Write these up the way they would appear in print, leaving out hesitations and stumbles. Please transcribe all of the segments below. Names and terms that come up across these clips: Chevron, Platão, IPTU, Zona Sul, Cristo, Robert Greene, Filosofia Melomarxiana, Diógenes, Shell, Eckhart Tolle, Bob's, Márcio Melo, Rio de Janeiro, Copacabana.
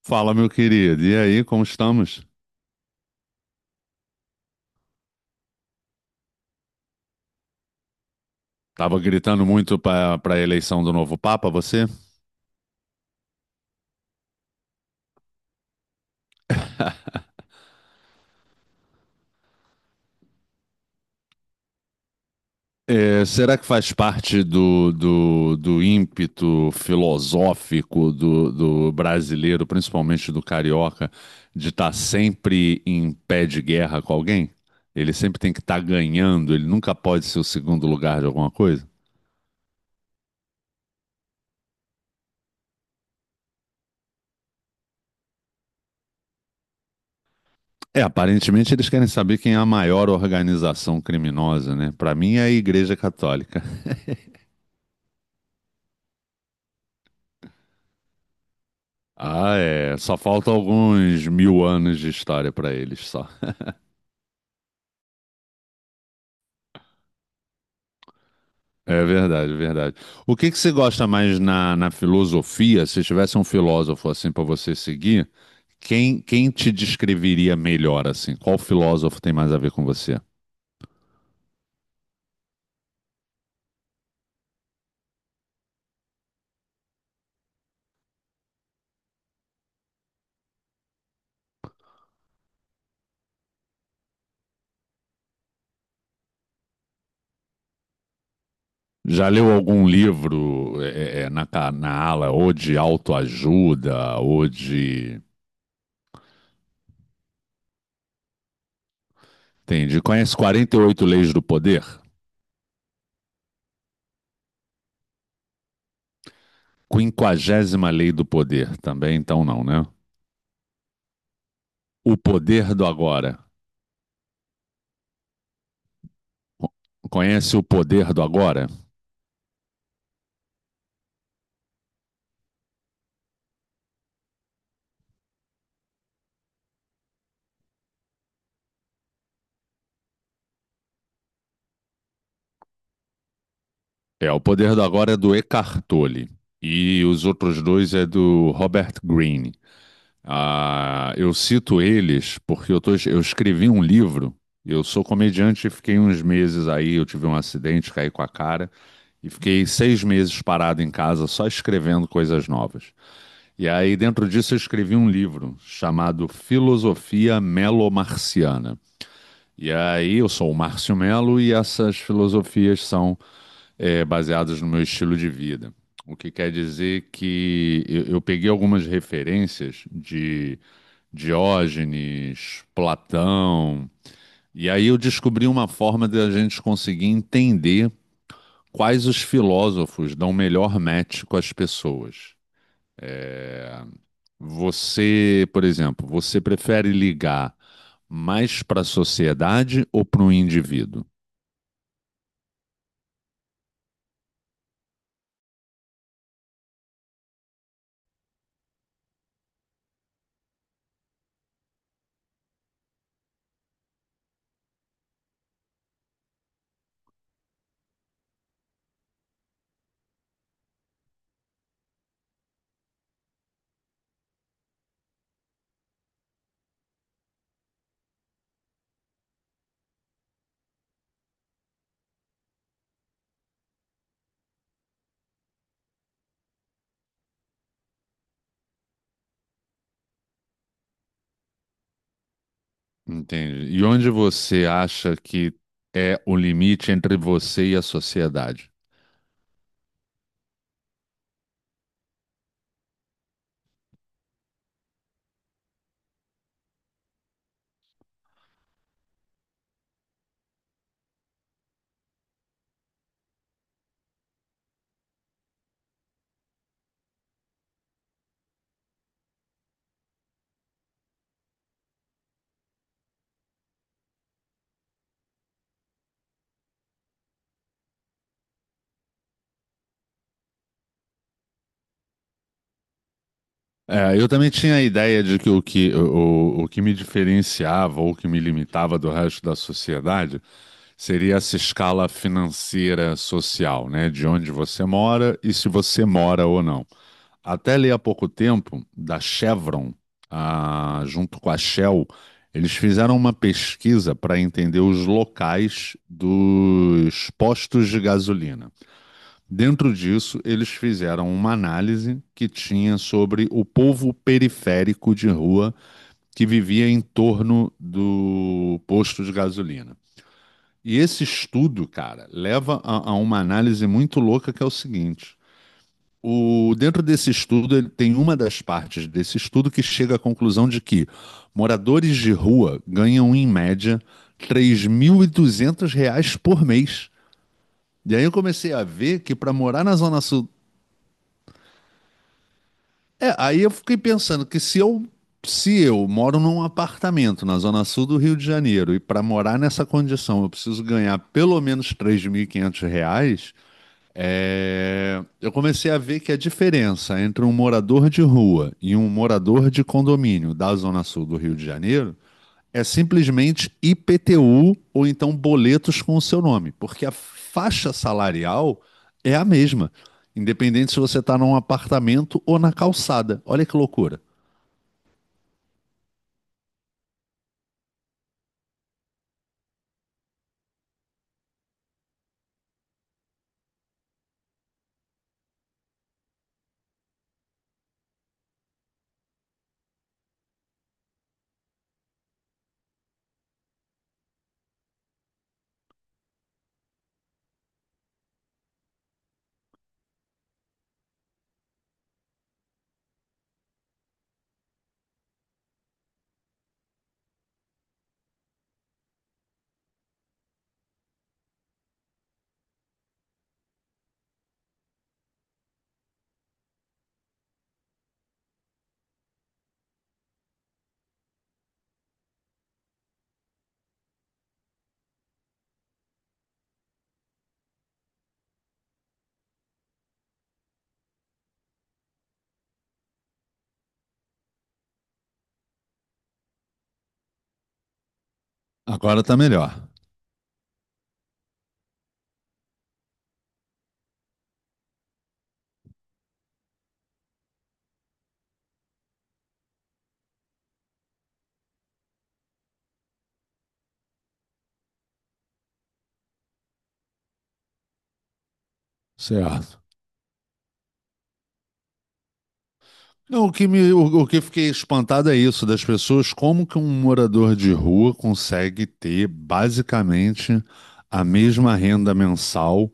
Fala, meu querido. E aí, como estamos? Tava gritando muito para a eleição do novo Papa, você? Será que faz parte do ímpeto filosófico do brasileiro, principalmente do carioca, de estar sempre em pé de guerra com alguém? Ele sempre tem que estar ganhando, ele nunca pode ser o segundo lugar de alguma coisa? É, aparentemente eles querem saber quem é a maior organização criminosa, né? Para mim é a Igreja Católica. Ah, é. Só falta alguns mil anos de história para eles, só. É verdade, é verdade. O que que você gosta mais na filosofia? Se tivesse um filósofo assim para você seguir, quem te descreveria melhor assim? Qual filósofo tem mais a ver com você? Já leu algum livro na ala ou de autoajuda ou de... Entendi. Conhece 48 Leis do Poder? Quinquagésima Lei do Poder também, então não, né? O Poder do Agora. Conhece O Poder do Agora? É, O Poder do Agora é do Eckhart Tolle e os outros dois é do Robert Greene. Ah, eu cito eles porque eu escrevi um livro, eu sou comediante e fiquei uns meses aí, eu tive um acidente, caí com a cara e fiquei seis meses parado em casa só escrevendo coisas novas. E aí dentro disso eu escrevi um livro chamado Filosofia Melomarxiana. E aí, eu sou o Márcio Melo e essas filosofias são baseadas no meu estilo de vida. O que quer dizer que eu peguei algumas referências de Diógenes, Platão, e aí eu descobri uma forma de a gente conseguir entender quais os filósofos dão melhor match com as pessoas. Você, por exemplo, você prefere ligar mais para a sociedade ou para o indivíduo? Entendi. E onde você acha que é o limite entre você e a sociedade? É, eu também tinha a ideia de que o que me diferenciava ou que me limitava do resto da sociedade seria essa escala financeira social, né? De onde você mora e se você mora ou não. Até ali há pouco tempo, da Chevron, ah, junto com a Shell, eles fizeram uma pesquisa para entender os locais dos postos de gasolina. Dentro disso, eles fizeram uma análise que tinha sobre o povo periférico de rua que vivia em torno do posto de gasolina. E esse estudo, cara, leva a uma análise muito louca que é o seguinte. Dentro desse estudo, ele tem uma das partes desse estudo que chega à conclusão de que moradores de rua ganham, em média, 3.200 reais reais por mês. E aí eu comecei a ver que para morar na Zona Sul. É, aí eu fiquei pensando que se eu moro num apartamento na Zona Sul do Rio de Janeiro e para morar nessa condição eu preciso ganhar pelo menos 3.500 reais. É, eu comecei a ver que a diferença entre um morador de rua e um morador de condomínio da Zona Sul do Rio de Janeiro é simplesmente IPTU ou então boletos com o seu nome, porque a faixa salarial é a mesma, independente se você está num apartamento ou na calçada. Olha que loucura. Agora tá melhor. Certo. Não, o que eu fiquei espantado é isso, das pessoas, como que um morador de rua consegue ter basicamente a mesma renda mensal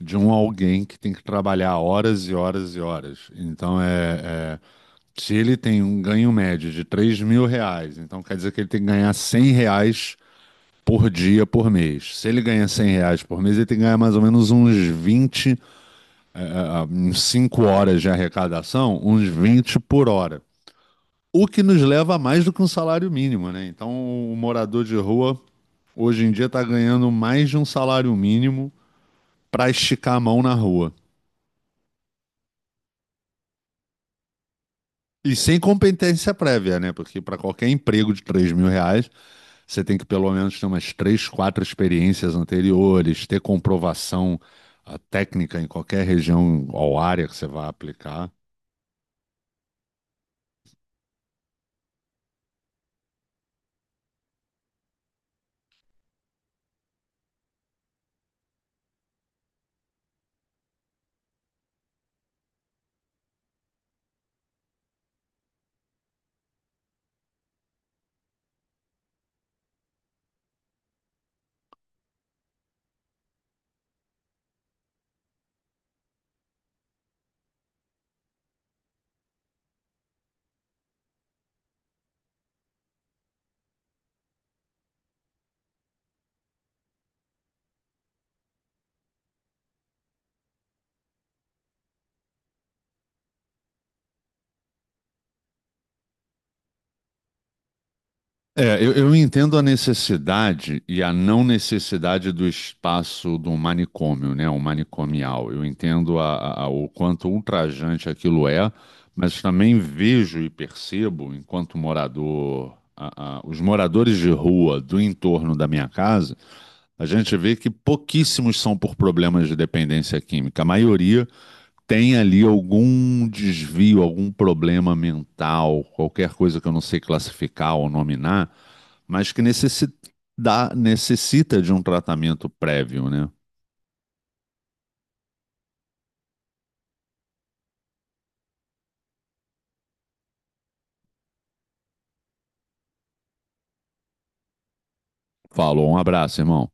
de um alguém que tem que trabalhar horas e horas e horas. Então se ele tem um ganho médio de 3.000 reais, então quer dizer que ele tem que ganhar 100 reais por dia, por mês. Se ele ganha 100 reais por mês, ele tem que ganhar mais ou menos uns 20, uns 5 horas de arrecadação, uns 20 por hora. O que nos leva a mais do que um salário mínimo, né? Então, o morador de rua hoje em dia está ganhando mais de um salário mínimo para esticar a mão na rua. E sem competência prévia, né? Porque para qualquer emprego de 3.000 reais, você tem que pelo menos ter umas 3, 4 experiências anteriores, ter comprovação técnica em qualquer região ou área que você vá aplicar. É, eu entendo a necessidade e a não necessidade do espaço do manicômio, né? O manicomial. Eu entendo o quanto ultrajante aquilo é, mas também vejo e percebo, enquanto morador, os moradores de rua do entorno da minha casa, a gente vê que pouquíssimos são por problemas de dependência química. A maioria tem ali algum desvio, algum problema mental, qualquer coisa que eu não sei classificar ou nominar, mas que necessita de um tratamento prévio, né? Falou, um abraço, irmão.